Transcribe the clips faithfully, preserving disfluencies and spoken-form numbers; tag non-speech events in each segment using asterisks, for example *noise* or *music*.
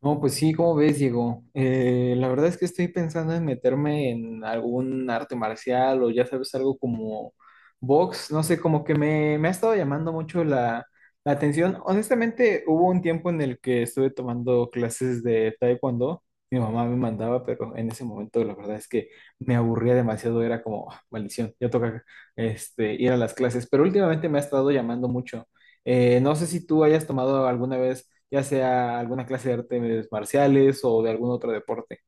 No, pues sí, como ves, Diego? Eh, la verdad es que estoy pensando en meterme en algún arte marcial o, ya sabes, algo como box. No sé, como que me, me ha estado llamando mucho la, la atención. Honestamente, hubo un tiempo en el que estuve tomando clases de taekwondo, mi mamá me mandaba, pero en ese momento la verdad es que me aburría demasiado. Era como, "Ah, maldición, ya toca este, ir a las clases", pero últimamente me ha estado llamando mucho. Eh, no sé si tú hayas tomado alguna vez, ya sea alguna clase de artes marciales o de algún otro deporte.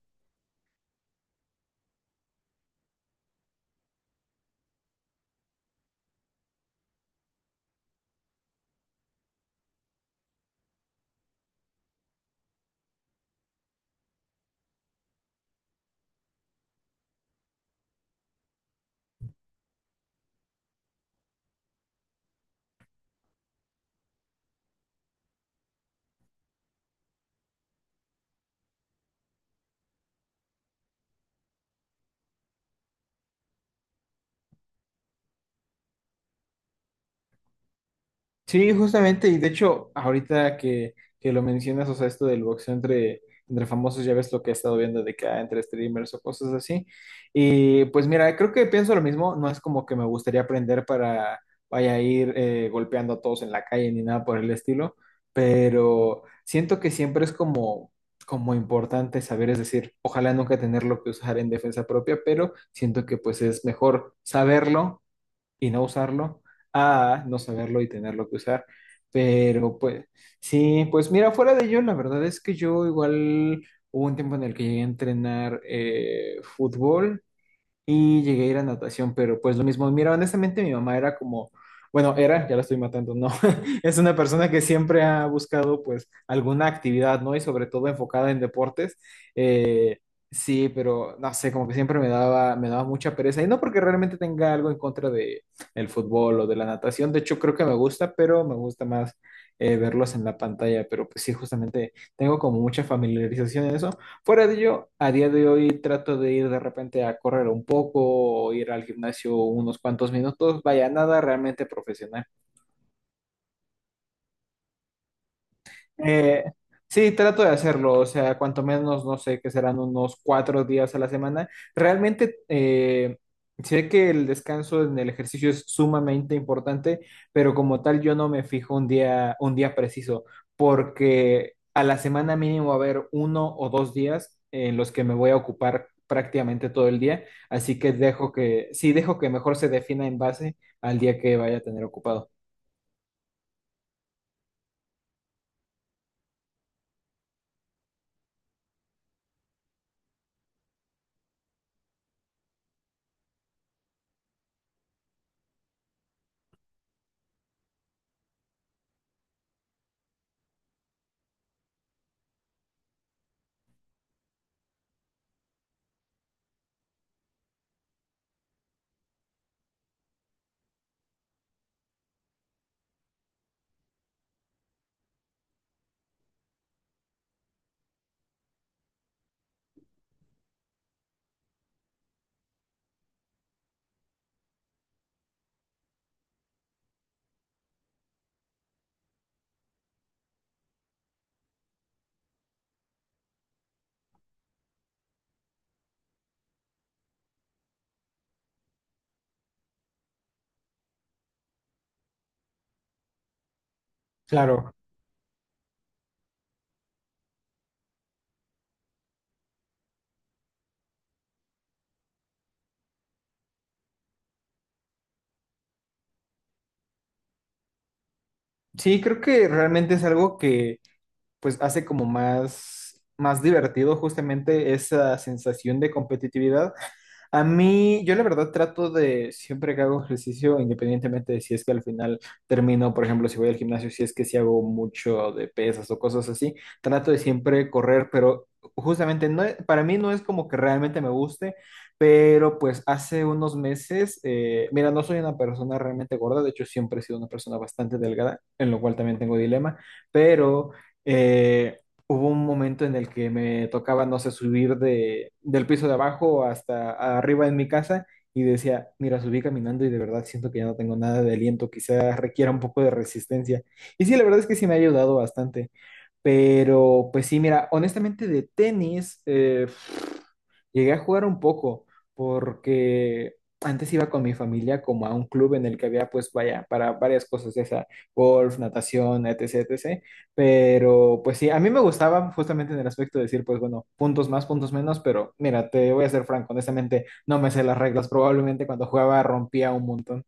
Sí, justamente, y de hecho, ahorita que, que lo mencionas, o sea, esto del boxeo entre, entre famosos, ya ves lo que he estado viendo de que ah, entre streamers o cosas así. Y pues mira, creo que pienso lo mismo. No es como que me gustaría aprender para vaya a ir eh, golpeando a todos en la calle ni nada por el estilo, pero siento que siempre es como, como importante saber. Es decir, ojalá nunca tenerlo que usar en defensa propia, pero siento que pues es mejor saberlo y no usarlo, a no saberlo y tenerlo que usar. Pero pues sí, pues mira, fuera de ello, la verdad es que yo igual hubo un tiempo en el que llegué a entrenar eh, fútbol y llegué a ir a natación, pero pues lo mismo. Mira, honestamente mi mamá era como, bueno, era, ya la estoy matando, no, *laughs* es una persona que siempre ha buscado pues alguna actividad, ¿no? Y sobre todo enfocada en deportes. Eh, sí, pero no sé, como que siempre me daba, me daba mucha pereza, y no porque realmente tenga algo en contra de el fútbol o de la natación. De hecho creo que me gusta, pero me gusta más eh, verlos en la pantalla, pero pues sí, justamente tengo como mucha familiarización en eso. Fuera de ello, a día de hoy trato de ir de repente a correr un poco o ir al gimnasio unos cuantos minutos. Vaya, nada realmente profesional. Eh, sí, trato de hacerlo, o sea, cuanto menos, no sé, que serán unos cuatro días a la semana. Realmente eh, sé que el descanso en el ejercicio es sumamente importante, pero como tal yo no me fijo un día, un día preciso, porque a la semana mínimo va a haber uno o dos días en los que me voy a ocupar prácticamente todo el día, así que dejo que, sí, dejo que mejor se defina en base al día que vaya a tener ocupado. Claro. Sí, creo que realmente es algo que pues hace como más, más divertido justamente esa sensación de competitividad. A mí, yo la verdad trato de, siempre que hago ejercicio, independientemente de si es que al final termino. Por ejemplo, si voy al gimnasio, si es que si hago mucho de pesas o cosas así, trato de siempre correr, pero justamente no, e- para mí no es como que realmente me guste, pero pues hace unos meses, eh, mira, no soy una persona realmente gorda, de hecho siempre he sido una persona bastante delgada, en lo cual también tengo dilema, pero eh, hubo un momento en el que me tocaba, no sé, subir de, del piso de abajo hasta arriba en mi casa y decía, mira, subí caminando y de verdad siento que ya no tengo nada de aliento, quizás requiera un poco de resistencia. Y sí, la verdad es que sí me ha ayudado bastante. Pero pues sí, mira, honestamente de tenis eh, llegué a jugar un poco porque antes iba con mi familia como a un club en el que había, pues vaya, para varias cosas de esa, golf, natación, etc, etcétera. Pero pues sí, a mí me gustaba justamente en el aspecto de decir, pues bueno, puntos más, puntos menos, pero mira, te voy a ser franco, honestamente no me sé las reglas, probablemente cuando jugaba rompía un montón.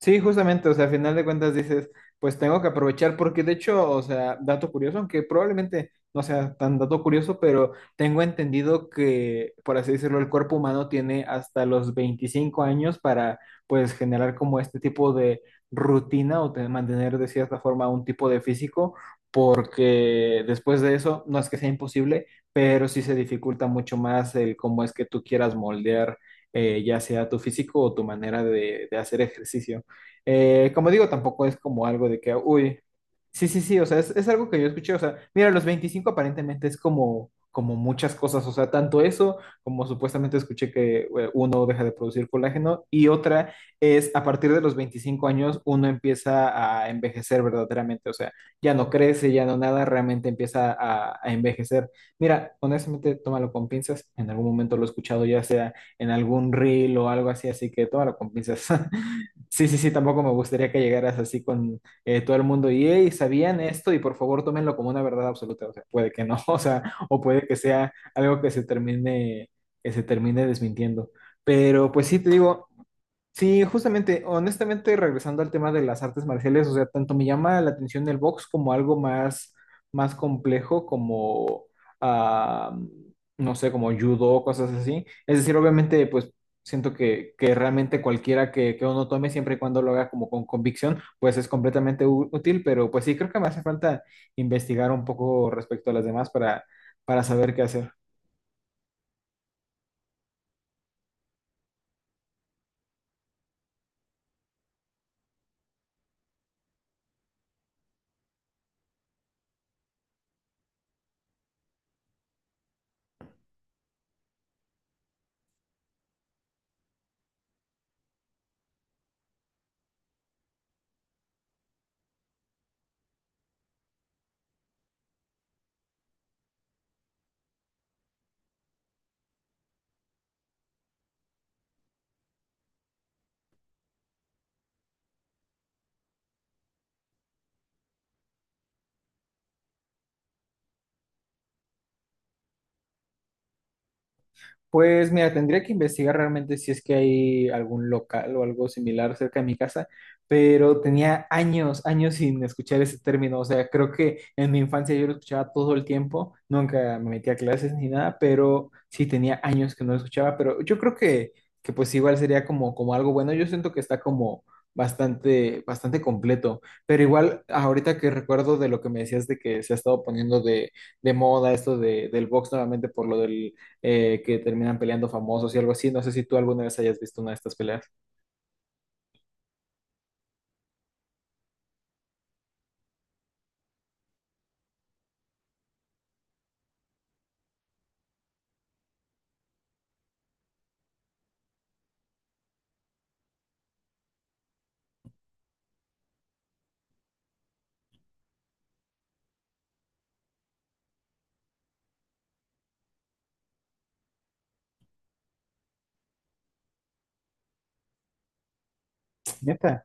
Sí, justamente, o sea, al final de cuentas dices, pues tengo que aprovechar, porque de hecho, o sea, dato curioso, aunque probablemente no sea tan dato curioso, pero tengo entendido que, por así decirlo, el cuerpo humano tiene hasta los veinticinco años para, pues, generar como este tipo de rutina o te- mantener de cierta forma un tipo de físico, porque después de eso, no es que sea imposible, pero sí se dificulta mucho más el cómo es que tú quieras moldear, eh, ya sea tu físico o tu manera de de hacer ejercicio. Eh, como digo, tampoco es como algo de que, uy, sí, sí, sí, o sea, es, es algo que yo escuché. O sea, mira, los veinticinco aparentemente es como, como muchas cosas, o sea, tanto eso como supuestamente escuché que eh, uno deja de producir colágeno, y otra es a partir de los veinticinco años uno empieza a envejecer verdaderamente. O sea, ya no crece, ya no nada, realmente empieza a, a envejecer. Mira, honestamente, tómalo con pinzas, en algún momento lo he escuchado ya sea en algún reel o algo así, así que tómalo con pinzas. *laughs* Sí, sí, sí, tampoco me gustaría que llegaras así con eh, todo el mundo y, hey, ¿sabían esto? Y por favor, tómenlo como una verdad absoluta. O sea, puede que no, *laughs* o sea, o puede que sea algo que se termine, que se termine desmintiendo. Pero pues sí, te digo, sí, justamente, honestamente, regresando al tema de las artes marciales, o sea, tanto me llama la atención el box como algo más, más complejo, como, ah, no sé, como judo, cosas así. Es decir, obviamente, pues siento que, que realmente cualquiera que, que uno tome, siempre y cuando lo haga como con convicción, pues es completamente ú- útil, pero pues sí, creo que me hace falta investigar un poco respecto a las demás para, para saber qué hacer. Pues mira, tendría que investigar realmente si es que hay algún local o algo similar cerca de mi casa, pero tenía años, años sin escuchar ese término. O sea, creo que en mi infancia yo lo escuchaba todo el tiempo, nunca me metía a clases ni nada, pero sí tenía años que no lo escuchaba, pero yo creo que, que pues igual sería como, como algo bueno. Yo siento que está como bastante, bastante completo, pero igual ahorita que recuerdo de lo que me decías de que se ha estado poniendo de de moda esto de, del box nuevamente por lo del eh, que terminan peleando famosos y algo así. No sé si tú alguna vez hayas visto una de estas peleas. ¿Neta?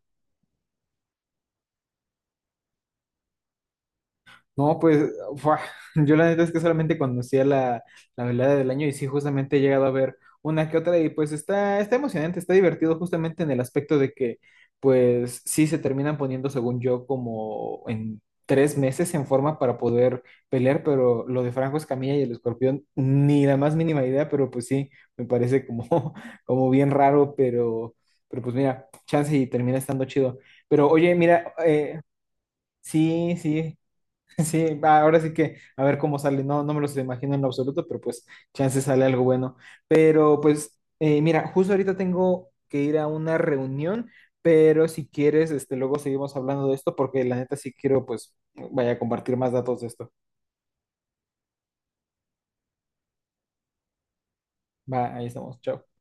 No, pues, fua, *laughs* yo la neta es que solamente conocía la, la velada del año, y sí, justamente he llegado a ver una que otra y pues está, está emocionante, está divertido justamente en el aspecto de que pues sí se terminan poniendo, según yo, como en tres meses en forma para poder pelear, pero lo de Franco Escamilla y el Escorpión, ni la más mínima idea, pero pues sí, me parece como, *laughs* como bien raro, pero, pero pues mira, chance y termina estando chido. Pero oye, mira, eh, sí, sí. Sí, va, ahora sí que a ver cómo sale. No, no me los imagino en lo absoluto, pero pues chance sale algo bueno. Pero pues, eh, mira, justo ahorita tengo que ir a una reunión, pero si quieres, este, luego seguimos hablando de esto porque la neta sí quiero, pues, vaya a compartir más datos de esto. Va, ahí estamos. Chao.